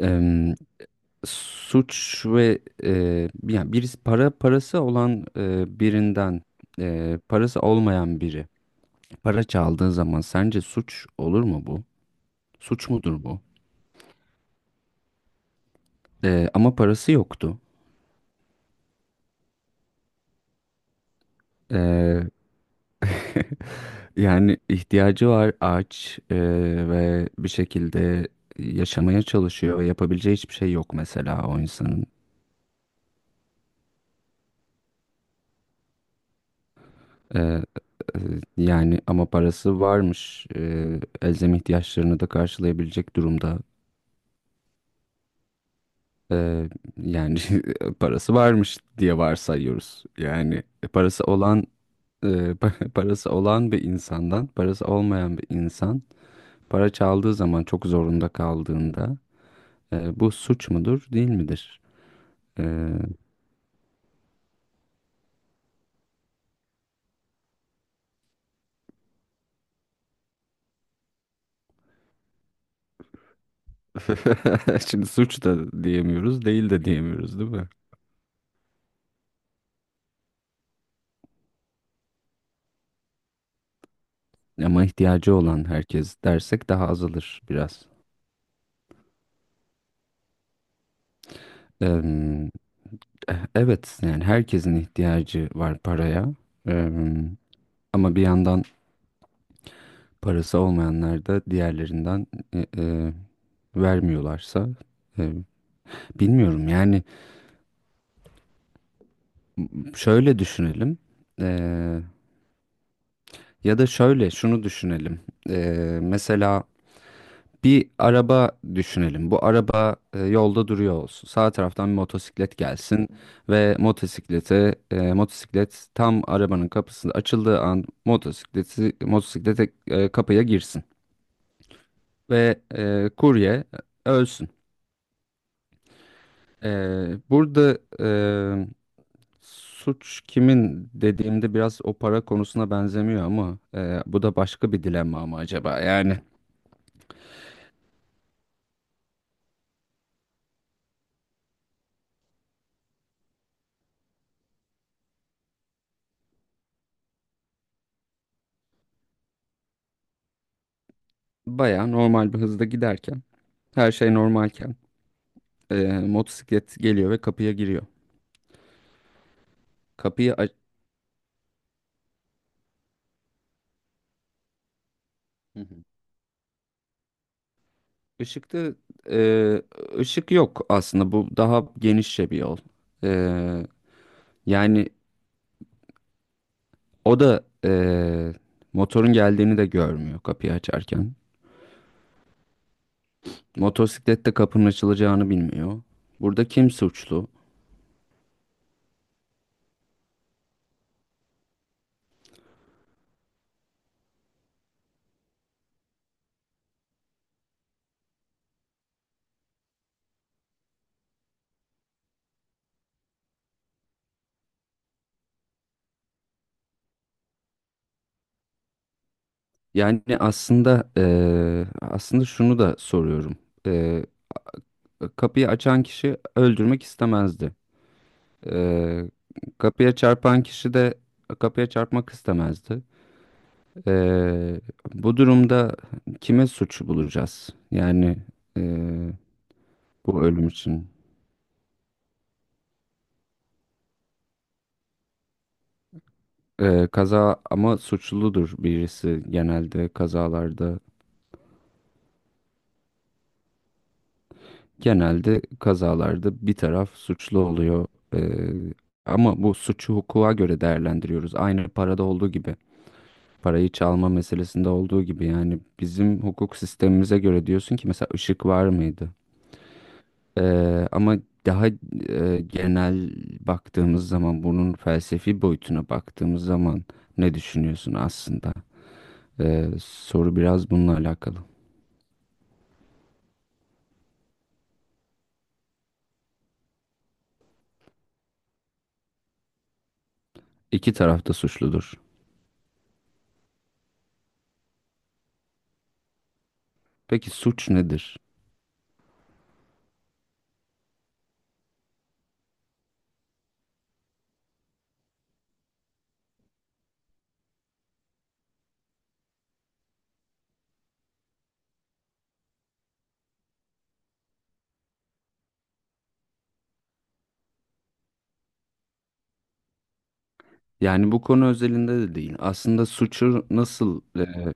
em, suç ve yani birisi para parası olan e, birinden e, parası olmayan biri para çaldığı zaman sence suç olur mu bu? Suç mudur bu? Ama parası yoktu. E, Yani ihtiyacı var aç ve bir şekilde yaşamaya çalışıyor ve yapabileceği hiçbir şey yok mesela o insanın. Ee, e, Yani ama parası varmış. Elzem ihtiyaçlarını da karşılayabilecek durumda. Ee, Yani parası varmış diye varsayıyoruz. Yani parası olan e, pa- parası olan bir insandan parası olmayan bir insan para çaldığı zaman çok zorunda kaldığında, bu suç mudur değil midir? Ee, şimdi suç da diyemiyoruz, değil de diyemiyoruz, değil mi? Ama ihtiyacı olan herkes dersek daha azalır biraz. Em, Evet, yani herkesin ihtiyacı var paraya. Em, Ama bir yandan parası olmayanlar da diğerlerinden e, e, vermiyorlarsa e, bilmiyorum yani. Şöyle düşünelim. E, Ya da şöyle şunu düşünelim. E, Mesela bir araba düşünelim. Bu araba yolda duruyor olsun. Sağ taraftan bir motosiklet gelsin ve motosiklet tam arabanın kapısında açıldığı an motosikleti motosiklete e, kapıya girsin ve kurye ölsün. E, Burada suç kimin dediğimde biraz o para konusuna benzemiyor, ama bu da başka bir dilemma mı acaba? Yani bayağı normal bir hızda giderken, her şey normalken, motosiklet geliyor ve kapıya giriyor. Kapıyı aç... Hı hı. Işıkta e, ışık yok aslında. Bu daha genişçe bir yol. E, Yani o da motorun geldiğini de görmüyor kapıyı açarken. Motosiklet de kapının açılacağını bilmiyor. Burada kim suçlu? Yani aslında şunu da soruyorum. E, Kapıyı açan kişi öldürmek istemezdi. Ee, Kapıya çarpan kişi de kapıya çarpmak istemezdi. Ee, Bu durumda kime suç bulacağız? Yani ee, bu ölüm için. Kaza ama suçludur birisi genelde kazalarda. Genelde kazalarda bir taraf suçlu oluyor. Ee, Ama bu suçu hukuka göre değerlendiriyoruz. Aynı parada olduğu gibi. Parayı çalma meselesinde olduğu gibi. Yani bizim hukuk sistemimize göre diyorsun ki mesela ışık var mıydı? Ama daha genel baktığımız zaman, bunun felsefi boyutuna baktığımız zaman ne düşünüyorsun aslında? Soru biraz bununla alakalı. İki taraf da suçludur. Peki suç nedir? Yani bu konu özelinde de değil. Aslında suçu nasıl,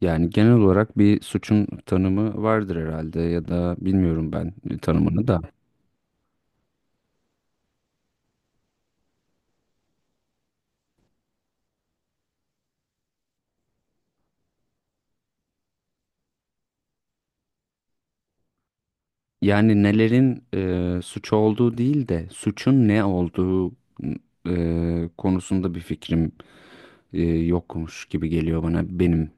yani genel olarak bir suçun tanımı vardır herhalde, ya da bilmiyorum ben tanımını da. Yani nelerin suç olduğu değil de suçun ne olduğu konusunda bir fikrim yokmuş gibi geliyor bana, benim.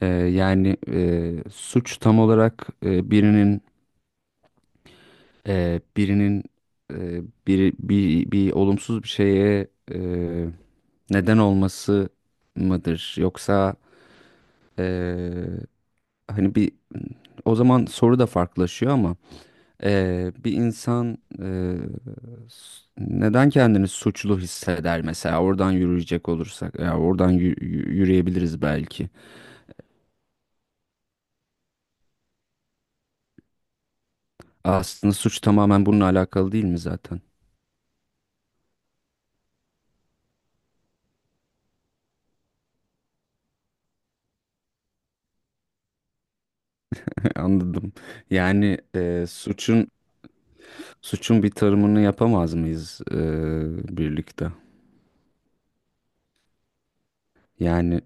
Yani suç tam olarak birinin e, bir olumsuz bir şeye neden olması mıdır? Yoksa e, hani bir, o zaman soru da farklılaşıyor ama. Bir insan neden kendini suçlu hisseder mesela, oradan yürüyecek olursak, ya yürüyebiliriz belki. Aslında suç tamamen bununla alakalı değil mi zaten? Anladım. Yani suçun bir tarımını yapamaz mıyız birlikte? Yani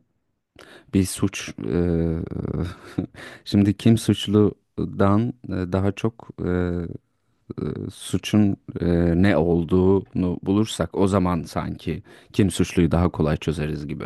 bir suç, şimdi kim suçludan daha çok e, suçun ne olduğunu bulursak, o zaman sanki kim suçluyu daha kolay çözeriz gibi.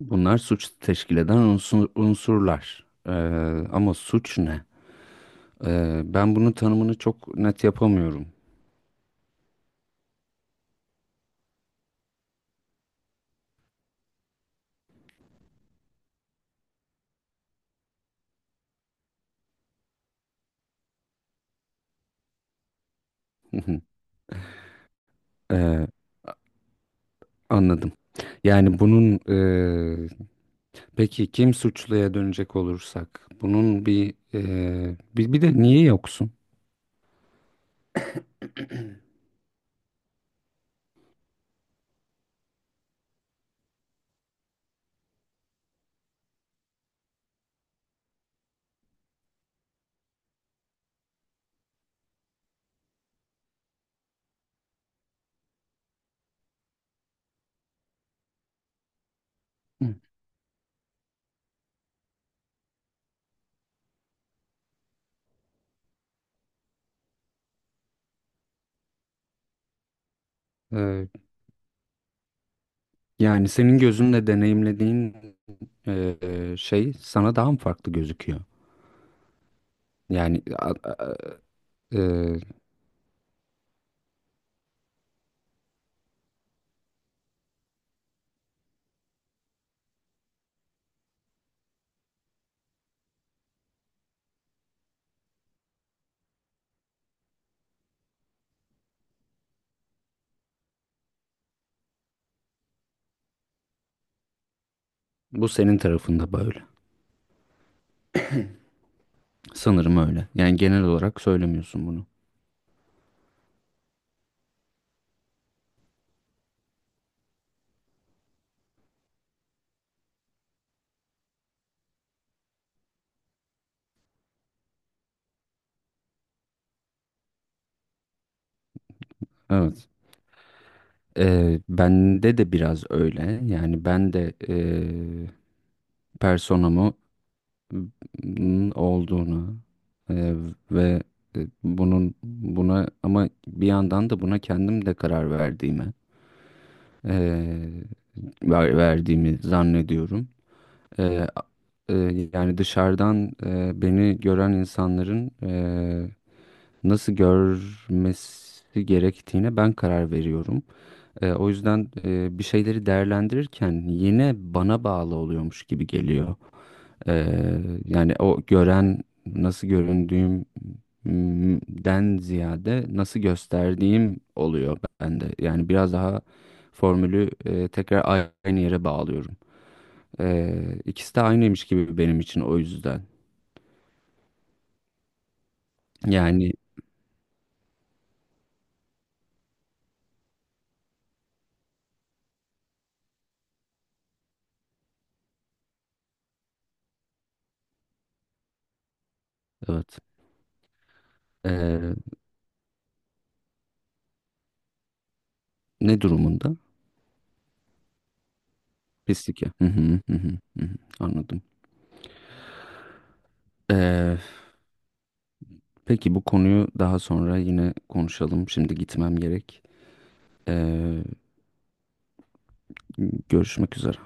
Bunlar suç teşkil eden unsurlar. Ama suç ne? Ben bunun tanımını çok net yapamıyorum. E, Anladım. Yani bunun e, peki kim suçluya dönecek olursak, bunun bir de niye yoksun? E, Yani senin gözünle deneyimlediğin şey sana daha mı farklı gözüküyor? Yani eee, bu senin tarafında böyle. Sanırım öyle. Yani genel olarak söylemiyorsun bunu. Evet. Bende de biraz öyle. Yani ben de personamı olduğunu eee, ve bunun buna, ama bir yandan da buna kendim de karar eee, verdiğimi zannediyorum. Eee, a- Yani dışarıdan beni gören insanların nasıl görmesi gerektiğine ben karar veriyorum. O yüzden bir şeyleri değerlendirirken yine bana bağlı oluyormuş gibi geliyor. Yani o gören nasıl göründüğümden ziyade nasıl gösterdiğim oluyor bende. Yani biraz daha formülü tekrar aynı yere bağlıyorum. İkisi de aynıymış gibi benim için o yüzden. Yani evet. Ee, Ne durumunda? Pislik ya. Hı hı, hı hı, hı hı. Anladım. Ee, peki bu konuyu daha sonra yine konuşalım. Şimdi gitmem gerek. Ee, Görüşmek üzere.